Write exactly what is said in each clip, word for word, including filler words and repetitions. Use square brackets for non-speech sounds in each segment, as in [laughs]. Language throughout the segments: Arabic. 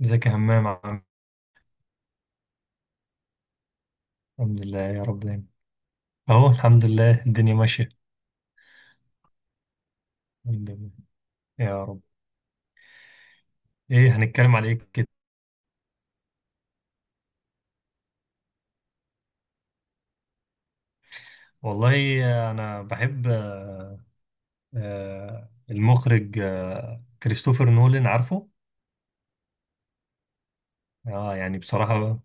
ازيك يا همام؟ عم، الحمد لله يا رب دايما. اهو الحمد لله الدنيا ماشية. الحمد لله، يا رب. ايه هنتكلم على ايه كده؟ والله انا بحب، آه، آه، المخرج آه، كريستوفر نولان، عارفه؟ اه، يعني بصراحة.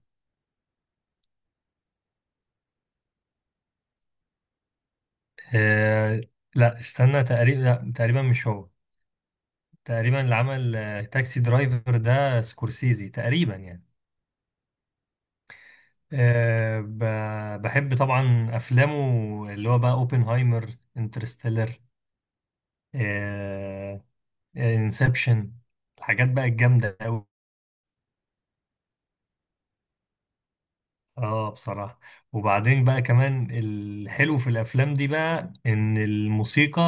آه، لا، استنى، تقريبا لا، تقريبا مش هو. تقريبا اللي عمل آه، تاكسي درايفر ده سكورسيزي تقريبا، يعني. آه، ب- بحب طبعا افلامه، اللي هو بقى اوبنهايمر، انترستيلر، آه، انسبشن، الحاجات بقى الجامدة أوي. اه، بصراحة. وبعدين بقى كمان الحلو في الأفلام دي بقى إن الموسيقى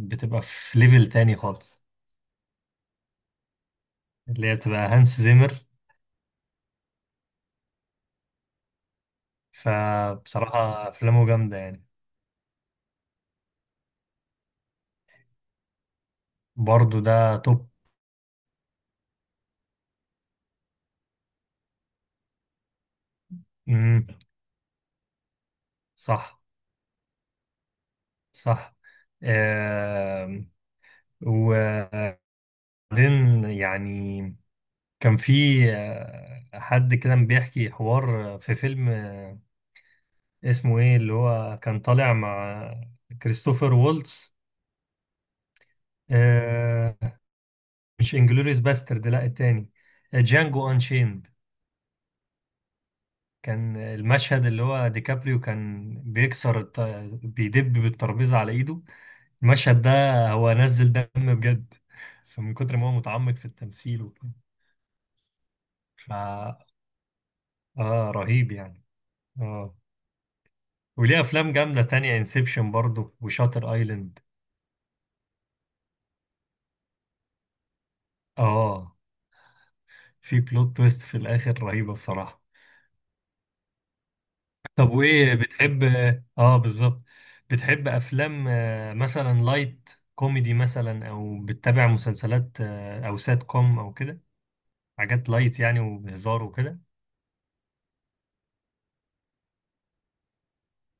بتبقى في ليفل تاني خالص، اللي هي بتبقى هانس زيمر. فبصراحة أفلامه جامدة يعني. برضو ده توب. مم. صح، صح. آم، وبعدين يعني كان في آه، حد كده بيحكي حوار في فيلم، آه، اسمه ايه، اللي هو كان طالع مع كريستوفر وولتز. آه مش انجلوريس باسترد، لا التاني. آه، جانجو انشيند. كان المشهد اللي هو ديكابريو كان بيكسر الت... بيدب بالترابيزة على ايده، المشهد ده. هو نزل دم بجد، فمن كتر ما هو متعمق في التمثيل وكده. ف اه، رهيب يعني. اه، وليه افلام جامدة تانية، انسبشن برضه وشاتر ايلاند. اه، في بلوت تويست في الاخر رهيبة بصراحة. طب، وايه بتحب اه آه، بالظبط؟ بتحب افلام آه، مثلا لايت كوميدي مثلا، او بتتابع مسلسلات آه، او سات كوم او كده، حاجات لايت يعني وبهزار وكده؟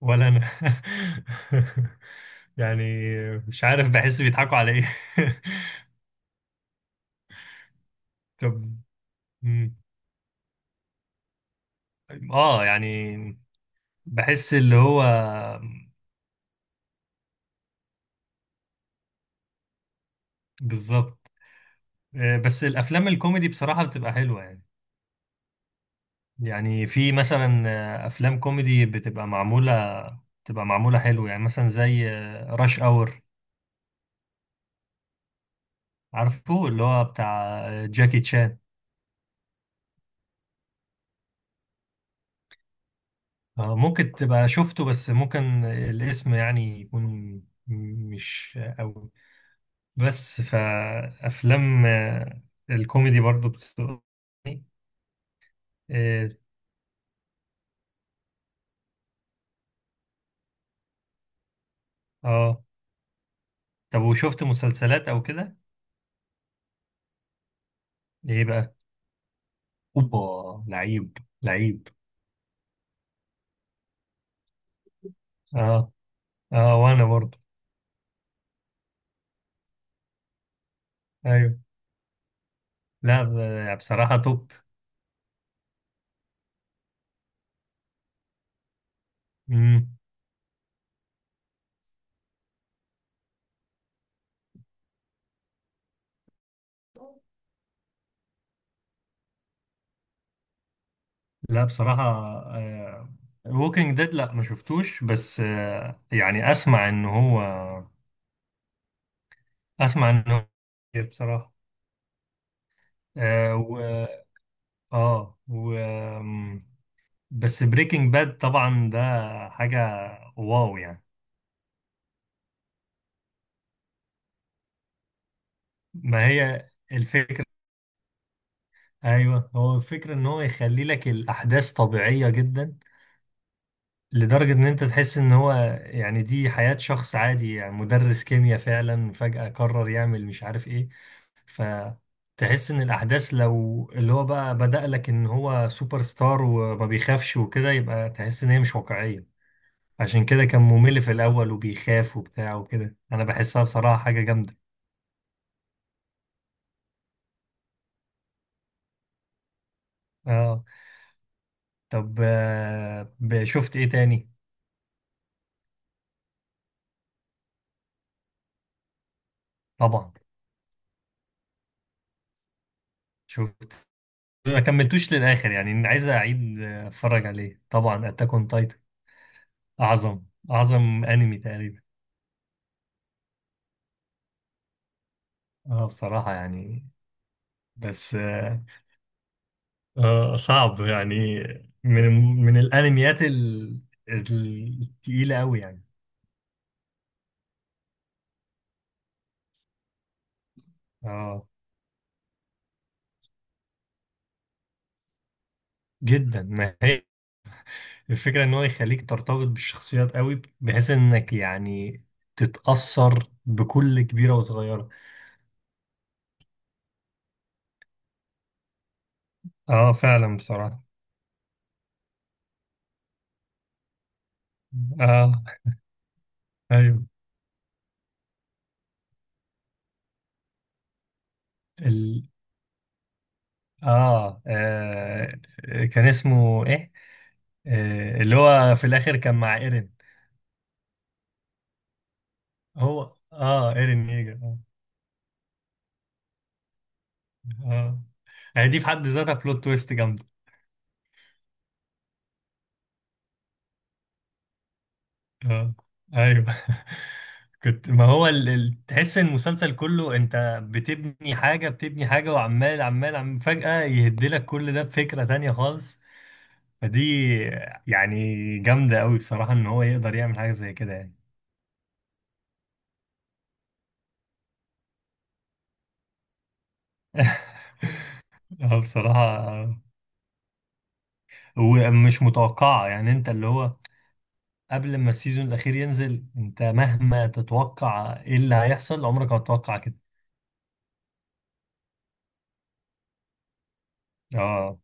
ولا انا. [laughs] يعني مش عارف، بحس بيضحكوا على ايه. [laughs] طب. مم. اه، يعني بحس اللي هو. بالظبط. آه، بس الافلام الكوميدي بصراحة بتبقى حلوة يعني. يعني في مثلا آه، افلام كوميدي بتبقى معموله بتبقى معموله حلو يعني، مثلا زي راش اور، عارفه؟ اللي هو بتاع آه، جاكي تشان. آه، ممكن تبقى شفته، بس ممكن الاسم يعني يكون م- مش قوي. بس فافلام آه، الكوميدي برضو بتبقى. اه آه. طب، وشفت مسلسلات او كده؟ ايه بقى؟ اوبا، لعيب، لعيب. اه، اه، وانا برضو. ايوه، لا، ب- بصراحة توب. مم. لا، بصراحة، ووكينج ديد لا ما شفتوش، بس آه، يعني اسمع ان هو اسمع ان هو خطير بصراحة. آه و اه و آم، بس بريكنج باد طبعا ده، حاجة، واو يعني. ما هي الفكرة. ايوه، هو الفكرة ان هو يخلي لك الاحداث طبيعية جدا، لدرجة إن أنت تحس إن هو، يعني، دي حياة شخص عادي، يعني مدرس كيمياء فعلا فجأة قرر يعمل مش عارف إيه. فتحس إن الأحداث، لو اللي هو بقى بدأ لك إن هو سوبر ستار وما بيخافش وكده، يبقى تحس إن هي مش واقعية. عشان كده كان ممل في الأول، وبيخاف وبتاع وكده، أنا بحسها بصراحة حاجة جامدة. آه طب، آه، ب- شفت إيه تاني؟ طبعا. شفت. ما كملتوش للآخر يعني، عايز أعيد آه، أتفرج عليه طبعا. أتاك أون، أعظم، أعظم أنمي تقريبا. اه، بصراحة يعني. بس آه آه، صعب يعني. من من الأنميات ال- التقيلة أوي يعني. اه، جدا. ما هي الفكرة إن هو يخليك ترتبط بالشخصيات أوي، بحيث إنك يعني تتأثر بكل كبيرة وصغيرة. اه، فعلا بصراحة. اه، ايوه. ال... آه. اه كان اسمه ايه؟ آه. اللي هو في الاخر كان مع ايرين. هو، اه ايرين ييجر، اه. اه، يعني دي في حد ذاتها بلوت تويست جامده. اه، ايوه. [laughs] كنت، ما هو ال... ال... تحس ان المسلسل كله انت بتبني حاجه، بتبني حاجه، وعمال عمال عم فجاه يهدلك كل ده بفكره تانية خالص. فدي يعني جامده قوي بصراحه، ان هو يقدر يعمل حاجه زي كده يعني. [laughs] اه، بصراحه. آه. ومش متوقعه يعني، انت اللي هو، قبل ما السيزون الأخير ينزل، أنت مهما تتوقع إيه اللي هيحصل، عمرك ما هتتوقع كده. آه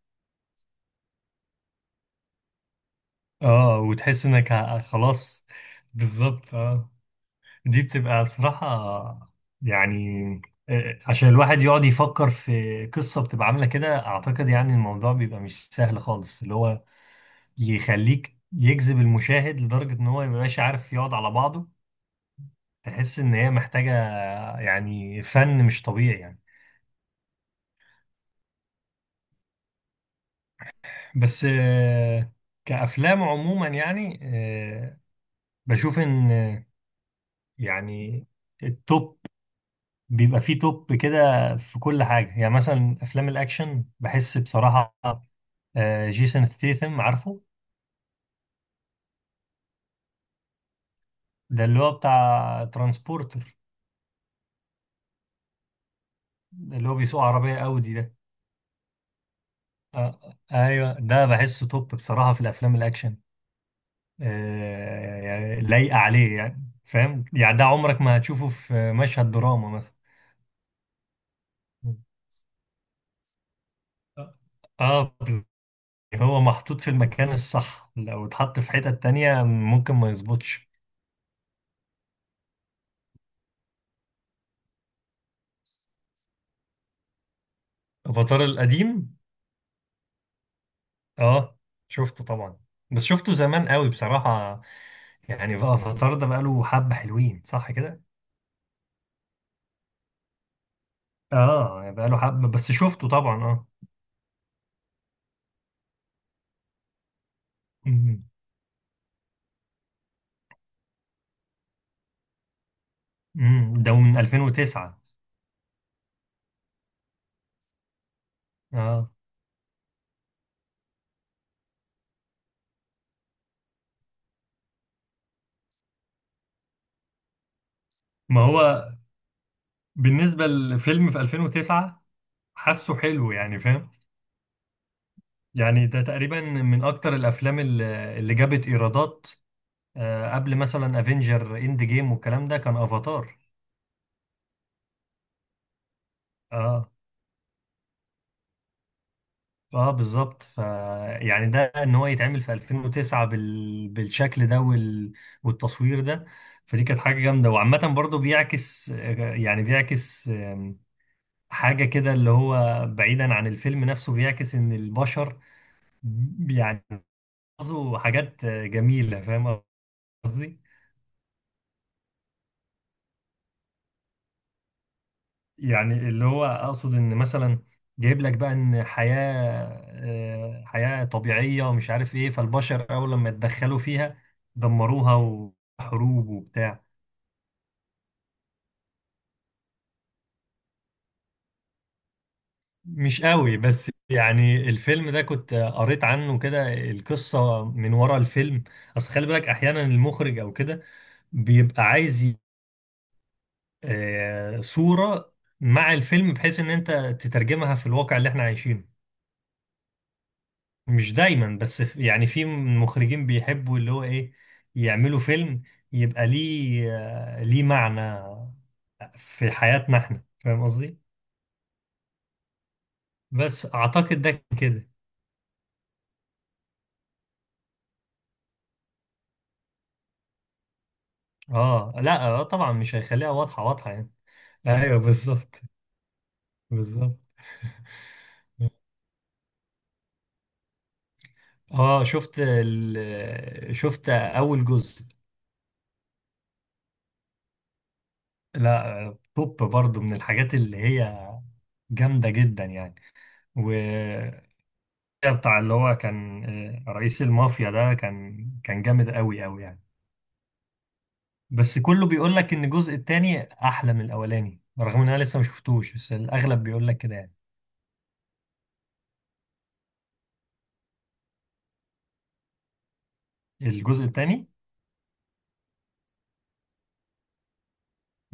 آه وتحس إنك ه- خلاص. بالظبط. آه دي بتبقى بصراحة يعني، آه، عشان الواحد يقعد يفكر في قصة بتبقى عاملة كده، أعتقد يعني الموضوع بيبقى مش سهل خالص، اللي هو يخليك يجذب المشاهد لدرجة إن هو ميبقاش عارف يقعد على بعضه. تحس إن هي محتاجة يعني فن مش طبيعي يعني. بس آه، كأفلام عموما يعني، آه، بشوف إن، آه، يعني التوب، بيبقى فيه توب كده في كل حاجة، يعني مثلا أفلام الأكشن بحس بصراحة آه، جيسون ستيثم، عارفه؟ ده اللي هو بتاع ترانسبورتر، ده اللي هو بيسوق عربية أودي ده. آه، أيوه، ده بحسه توب بصراحة في الأفلام الأكشن. آه، يعني لايقة عليه يعني، فاهم؟ يعني ده عمرك ما هتشوفه في مشهد دراما مثلا. اه. آه، يعني هو محطوط في المكان الصح، لو اتحط في حتة تانية ممكن ما يظبطش. افاتار القديم؟ اه، شفته طبعا، بس شفته زمان قوي بصراحة، يعني بقى افاتار ده بقاله حبة، حلوين صح كده؟ اه، يعني بقاله حبة، بس شفته طبعا، اه. مم. مم. ده من ألفين وتسعة. اه. ما هو بالنسبة للفيلم في ألفين وتسعة حاسه حلو يعني، فاهم؟ يعني ده تقريبا من اكتر الافلام اللي اللي جابت ايرادات، آه، قبل مثلا افنجر اند جيم والكلام ده كان افاتار. اه، اه بالظبط. ف يعني ده، ان هو يتعمل في ألفين وتسعة بال... بالشكل ده وال... والتصوير ده. فدي كانت حاجه جامده. وعامه برضو بيعكس، آه، يعني بيعكس، آم، حاجه كده اللي هو بعيدا عن الفيلم نفسه، بيعكس ان البشر يعني بيعملوا حاجات آه، جميله، فاهم قصدي؟ يعني اللي هو اقصد ان مثلا جايب لك بقى ان حياة آه، حياة طبيعية ومش عارف ايه، فالبشر اول لما اتدخلوا فيها دمروها، وحروب وبتاع. مش قوي، بس يعني الفيلم ده كنت قريت عنه كده، القصة من ورا الفيلم. اصل خلي بالك احيانا المخرج او كده بيبقى عايز ي- آه، صورة مع الفيلم، بحيث ان انت تترجمها في الواقع اللي احنا عايشينه. مش دايما، بس ف- يعني في مخرجين بيحبوا اللي هو ايه، يعملوا فيلم يبقى ليه آه، ليه معنى في حياتنا احنا، فاهم قصدي؟ بس اعتقد ده كده. اه، لا، آه، طبعا مش هيخليها واضحة واضحة يعني. ايوه، بالظبط، بالظبط. اه، شفت ال... شفت اول جزء. لا، آه، توب برضو من الحاجات اللي هي جامدة جدا يعني. بتاع اللي هو كان آه، رئيس المافيا ده، كان كان جامد قوي قوي يعني. بس كله بيقول لك ان الجزء التاني احلى من الاولاني، رغم ان انا لسه ما شفتوش، بس الاغلب بيقول لك كده يعني. الجزء التاني.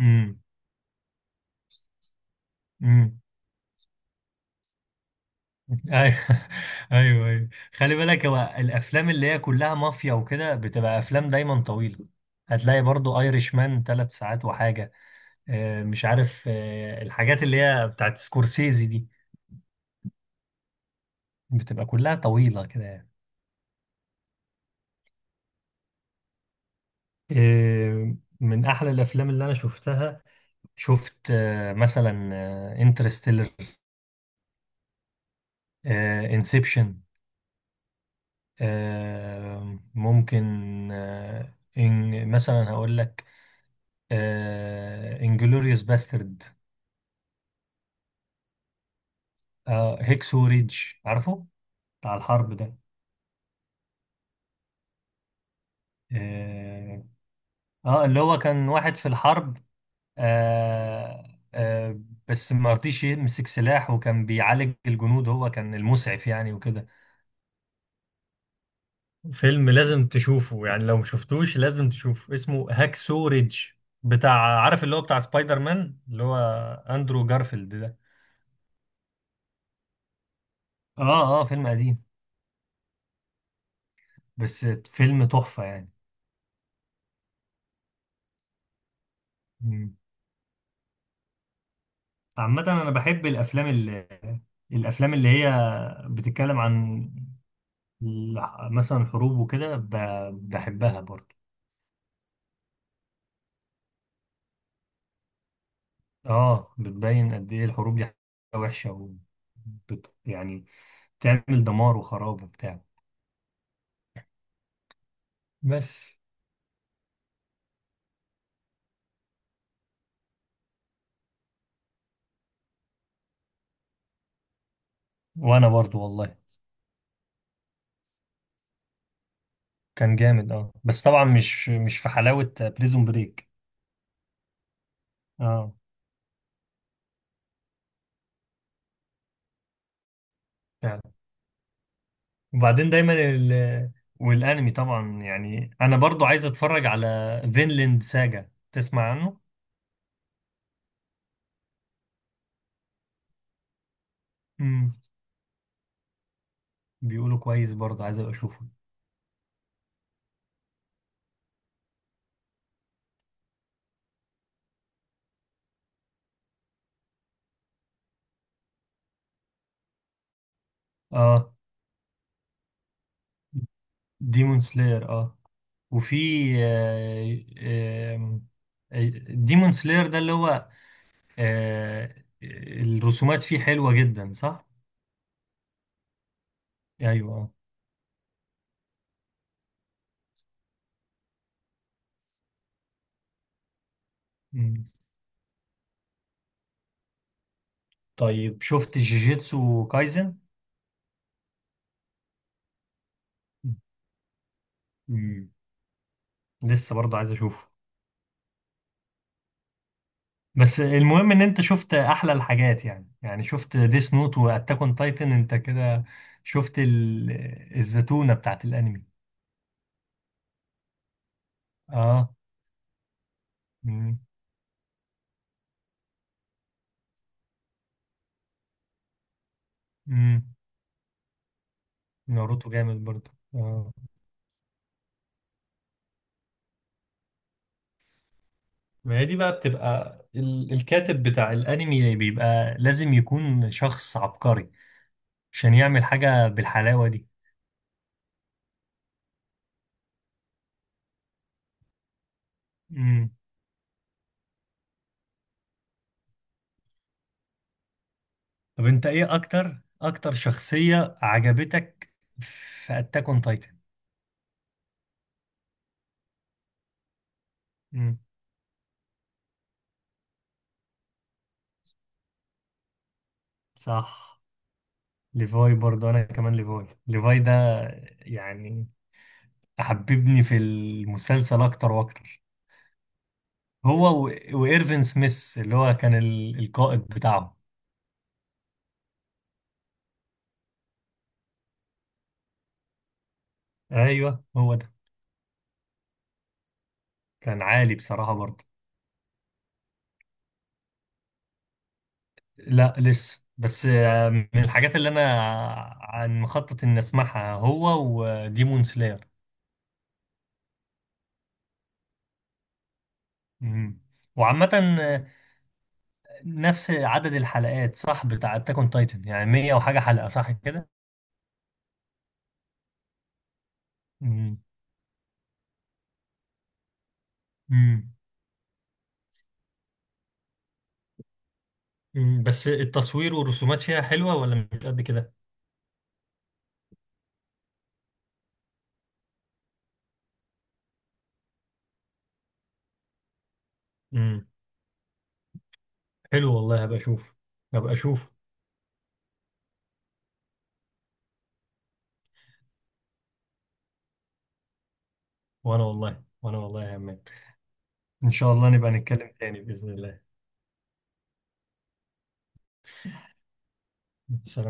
امم. امم. ايوه. [laughs] ايوه، ايوه. خلي بالك هو الافلام اللي هي كلها مافيا وكده بتبقى افلام دايما طويله. هتلاقي برضو ايرش مان ثلاث ساعات وحاجه، آه، مش عارف، آه، الحاجات اللي هي بتاعت سكورسيزي دي بتبقى كلها طويله كده يعني. إيه، من احلى الافلام اللي انا شفتها، شفت آه، مثلا انترستيلر، انسبشن، ممكن آه، إن مثلا هقول لك انجلوريوس باسترد، هيكسو ريدج، عارفه؟ بتاع الحرب ده. اه. آه، اللي هو كان واحد في الحرب، آه آه بس ما رضيش يمسك سلاح، وكان بيعالج الجنود، هو كان المسعف يعني وكده. فيلم لازم تشوفه يعني، لو مشفتوش لازم تشوفه، اسمه هاكسو ريدج. بتاع، عارف اللي هو بتاع سبايدر مان، اللي هو اندرو جارفيلد ده. اه. اه، فيلم قديم، بس فيلم تحفة يعني. مم. عامة انا بحب الافلام، اللي الافلام اللي هي بتتكلم عن الح- مثلا حروب وكده، ب- بحبها برضه. اه، بتبين قد ايه الحروب دي حاجة وحشة، و بت- يعني تعمل دمار وخراب وبتاع. بس. وانا برضو والله. كان جامد، اه، بس طبعا مش مش في حلاوة بريزون بريك. اه، فعلا. وبعدين دايما، ال والانمي طبعا يعني، انا برضو عايز اتفرج على فينلاند ساجا، تسمع عنه؟ امم. بيقولوا كويس برضو، عايز ابقى اشوفه. اه، ديمون سلاير، اه. وفي ديمون سلاير ده، اللي هو آه، الرسومات فيه حلوة جدا، صح؟ ايوه، اه. مم. طيب، شفت جيجيتسو كايزن؟ لسه برضه عايز اشوفه. بس المهم ان انت شفت احلى الحاجات، يعني يعني شفت ديس نوت واتاك اون تايتن، انت كده شفت ال... الزتونة بتاعت الانمي. اه. امم. امم. ناروتو جامد برضه، اه. ما هي دي بقى بتبقى ال... الكاتب بتاع الانمي بيبقى لازم يكون شخص عبقري، عشان يعمل حاجة بالحلاوة دي. امم. طب، انت ايه اكتر اكتر شخصية عجبتك في اتاك اون تايتن؟ امم. صح. ليفاي برضه، انا كمان ليفاي، ليفاي ده يعني حببني في المسلسل اكتر واكتر. هو و... وايرفين سميث اللي هو كان ال... القائد بتاعهم. ايوه، هو ده. كان عالي بصراحة برضه. لا، لسه. بس آه، من الحاجات اللي انا عن مخطط اني اسمعها هو وديمون سلاير. مم. وعامة آه، نفس عدد الحلقات صح بتاع اتاك اون تايتن، يعني مئة وحاجة حلقة، صح كده؟ مم. مم. مم، بس التصوير والرسومات فيها حلوة ولا مش قد كده؟ امم. حلو والله، هبقى اشوف، هبقى اشوف. وانا والله، وانا والله يا عماد. ان شاء الله نبقى نتكلم تاني بإذن الله. سلام.